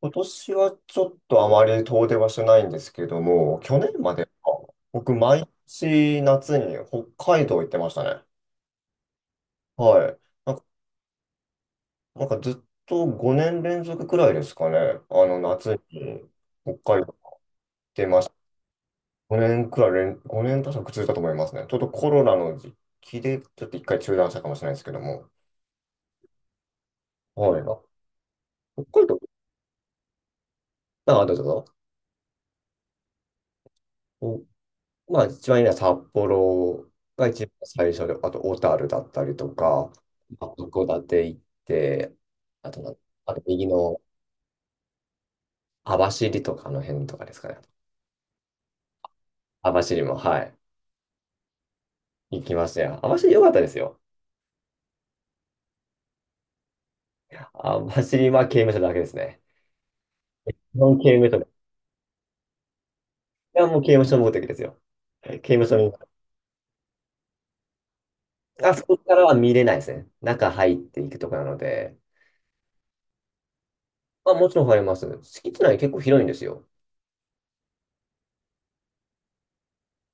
今年はちょっとあまり遠出はしてないんですけども、去年までか、僕、毎年夏に北海道行ってましたね。はい。なんか、なんかずっと5年連続くらいですかね。夏に北海道行ってました。5年確か続いたと思いますね。ちょっとコロナの時期で、ちょっと一回中断したかもしれないですけども。はい。あ北海道、あ、どうぞどうぞ。まあ、一番いいのは札幌が一番最初で、あと小樽だったりとか、まあ函館行って、あとな、あと右の網走とかの辺とかですかね。網走も、はい、行きましたよ。網走良かったですよ。網走は刑務所だけですね。日本刑務所で。いや、もう刑務所の目的ですよ。刑務所に、あそこからは見れないですね。中入っていくとこなので、まあ、もちろん入ります。敷地内結構広いんですよ。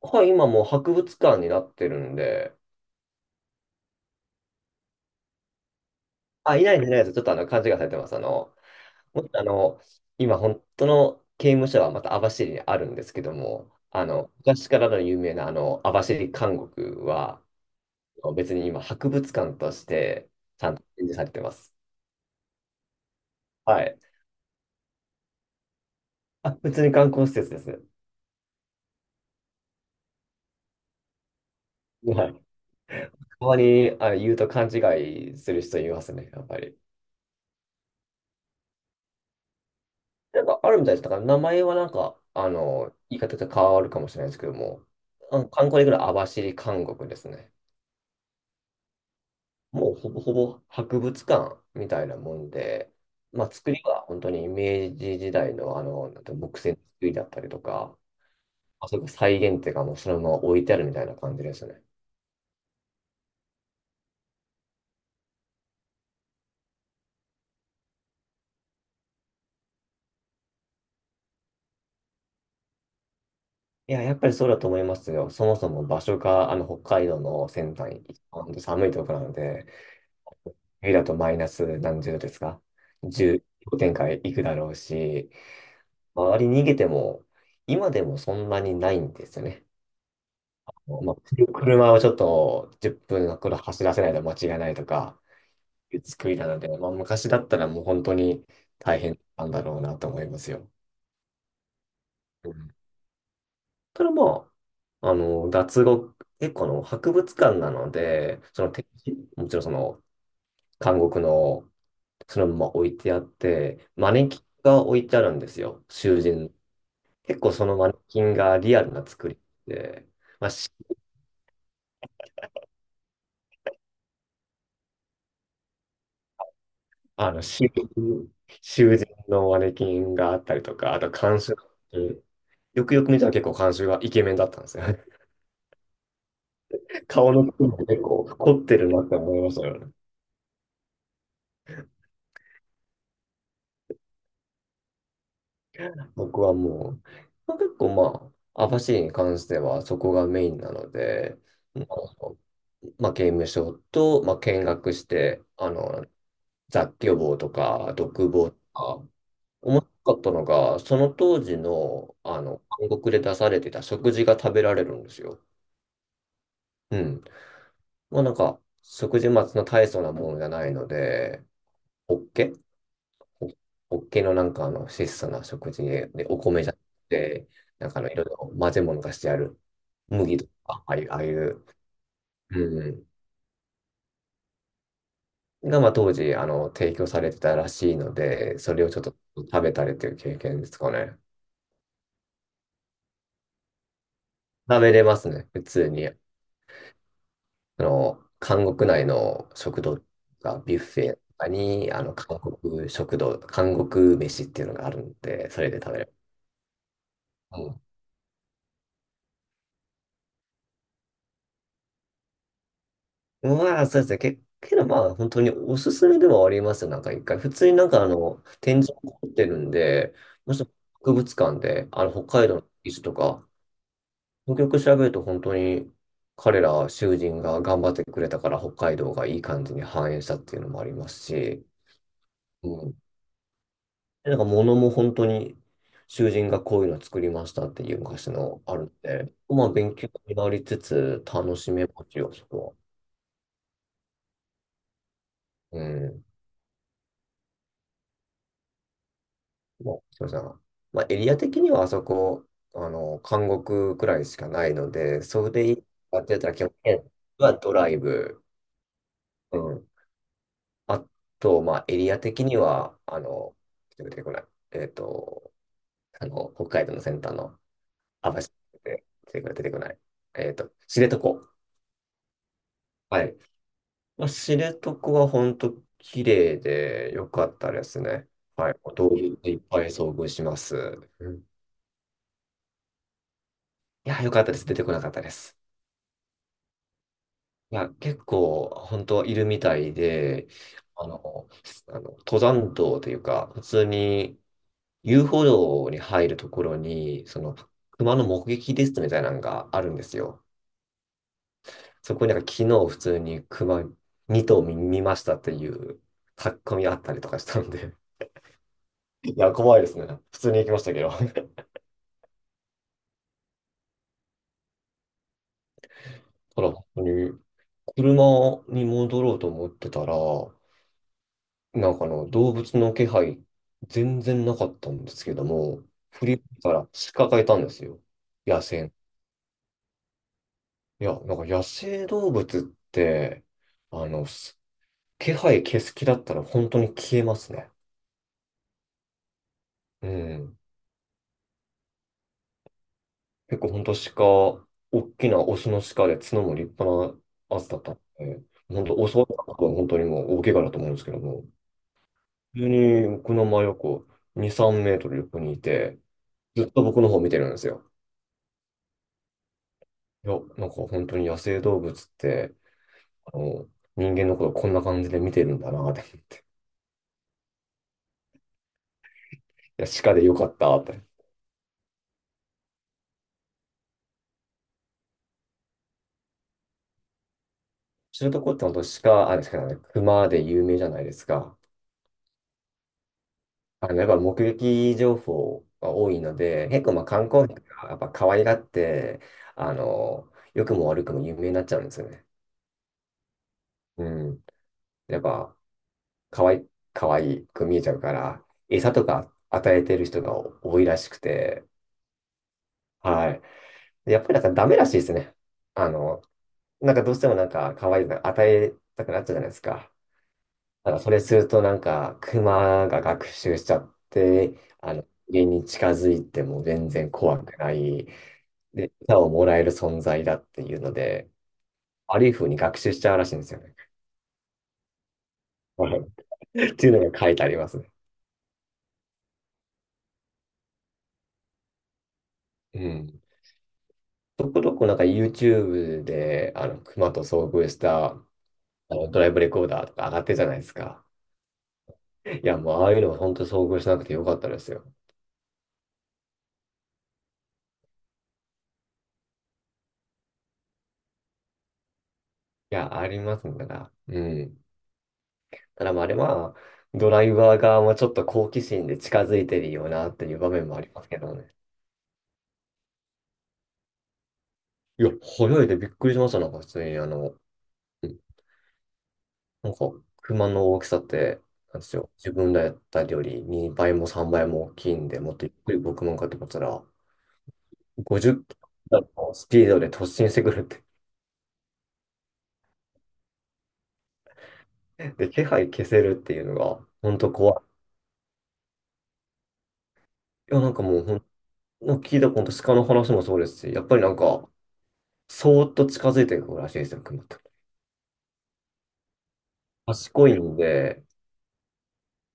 はい、今もう博物館になってるんで、あ、いないです、ないです。ちょっと勘違いされてます。もっと今、本当の刑務所はまた網走にあるんですけども、昔からの有名な網走監獄は、別に今、博物館として、ちゃんと展示されてます。はい。あ、普通に観光施設ですね。はい。たまに言うと勘違いする人いますね、やっぱり。なんかあるみたいです。だから名前はなんか、言い方が変わるかもしれないですけども、あの観光で来る網走監獄ですね。もうほぼほぼ博物館みたいなもんで、まあ、作りは本当に明治時代の、なんて木製の作りだったりとか、あそこ再現っていうかもうそのまま置いてあるみたいな感じですね。いや、やっぱりそうだと思いますよ。そもそも場所があの北海道の先端、本当寒いところなので、冬だとマイナス何十度ですか？十0、氷点下いくだろうし、周り逃げても、今でもそんなにないんですよね。まあ、車をちょっと10分の頃走らせないと間違いないとかいう作りなので、まあ、昔だったらもう本当に大変なんだろうなと思いますよ。うんただまあ、脱獄、結構博物館なので、その展示、もちろんその監獄のそのまま置いてあって、マネキンが置いてあるんですよ、囚人。結構そのマネキンがリアルな作りで、まああの、修修繕のマネキンがあったりとか、あと監修、うんよくよく見たら結構監修がイケメンだったんですよ。顔の部分も結構凝ってるなって思いましたよね。僕はもう、まあ、結構まあ網走に関してはそこがメインなので、まあ、まあ刑務所と、まあ、見学して、雑居房とか独房とか、面白かったのが、その当時の、韓国で出されてた食事が食べられるんですよ。うん。もうなんか、食事末の大層なものじゃないので、ホッケホホッケのなんか質素な食事で、お米じゃなくて、なんかいろいろ混ぜ物がしてある麦とか、ああいう、ああいう、うん、がまあ当時提供されてたらしいので、それをちょっと食べたりという経験ですかね。食べれますね、普通に。韓国内の食堂がビュッフェとかに、韓国食堂、韓国飯っていうのがあるんで、それで食べれば。うん。まあ、そうですね。けどまあ、本当におすすめではありますよ。なんか一回、普通になんか展示をってるんで、もし博物館で、北海道の遺跡とか、よくよく調べると本当に、彼ら囚人が頑張ってくれたから北海道がいい感じに繁栄したっていうのもありますし、うんなんか物も本当に囚人がこういうの作りましたっていう昔のあるんで、まあ勉強になりつつ楽しめますよ、そこは。うん。まあ、すみません。まあエリア的にはあそこ、監獄くらいしかないので、それでいいかってやったら基本的にはドライブ。うん。あと、まあエリア的には、出てこない。えっと、北海道の先端の網走で出てこない。出てこない知床。はい。まあ、知床は本当綺麗で良かったですね。はい。動物いっぱい遭遇します。うん、いや、良かったです。出てこなかったです。いや、結構本当いるみたいで、あの、あの登山道というか、普通に遊歩道に入るところに、熊の目撃リストみたいなのがあるんですよ。そこになんか昨日普通に熊2頭見ましたっていう書き込みあったりとかしたんで、いや、怖いですね。普通に行きましたけど。ほら、本当に、車に戻ろうと思ってたら、なんか動物の気配、全然なかったんですけども、振り向いたら鹿がいたんですよ。野生。いや、なんか野生動物って、あの、す気配消す気だったら本当に消えますね。うん。結構本当鹿、大きなオスの鹿で角も立派なやつだったんで、本当襲われたのは本当にもう大怪我だと思うんですけども。急に僕の真横2、3メートル横にいて、ずっと僕の方見てるんですよ。いや、なんか本当に野生動物って、あの、人間のことこんな感じで見てるんだなって。いや、鹿でよかったって。知床って本当鹿、あれしかない、熊で有名じゃないですか。やっぱ目撃情報が多いので、結構まあ観光客がやっぱ可愛がって、あの、良くも悪くも有名になっちゃうんですよね。うん。やっぱ、可愛い、かわいく見えちゃうから、餌とか与えてる人が多いらしくて、はい。やっぱりなんかダメらしいですね。あの、なんかどうしてもなんか可愛いの与えたくなっちゃうじゃないですか。だからそれするとなんかクマが学習しちゃって、家に近づいても全然怖くない。で、餌をもらえる存在だっていうので、悪い風に学習しちゃうらしいんですよね。っていうのが書いてありますね。うん。そこどこなんか YouTube で、熊と遭遇した、ドライブレコーダーとか上がってるじゃないですか。いや、もうああいうのは本当遭遇しなくてよかったですよ。いや、ありますね。だから、うん。ただまあ、あれは、ドライバー側もちょっと好奇心で近づいてるよなっていう場面もありますけどね。いや、早いでびっくりしました。なんか普通にうんなんか、熊の大きさって、なんですよ。自分らやったより2倍も3倍も大きいんで、もっとゆっくり僕もかってこったら、50キロのスピードで突進してくるって。で、気配消せるっていうのが、本当怖い。いや、なんかもう、なんか聞いたこと鹿の話もそうですし、やっぱりなんか、そーっと近づいてくるらしいですよ、熊って。賢いんで、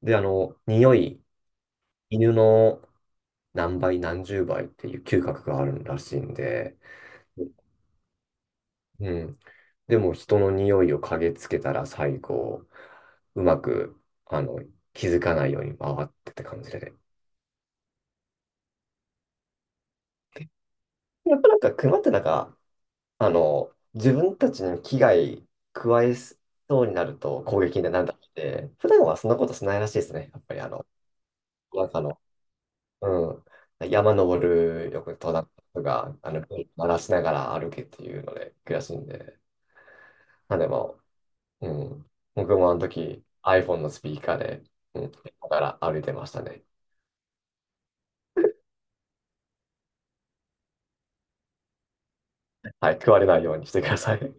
で、匂い、犬の何倍、何十倍っていう嗅覚があるらしいんで、うん。でも、人の匂いを嗅ぎつけたら最後、うまく、あの、気づかないように回ってって感じで。やっぱなんか、熊ってなんか、自分たちに危害加えそうになると攻撃になるんだって、普段はそんなことしないらしいですね。やっぱり中の、う山登る、よく登山とか、鳴らしながら歩けっていうので悔しいんで。まあでも、うん、僕もあの時 iPhone のスピーカーで、うん、だから歩いてましたね。はい、食われないようにしてください。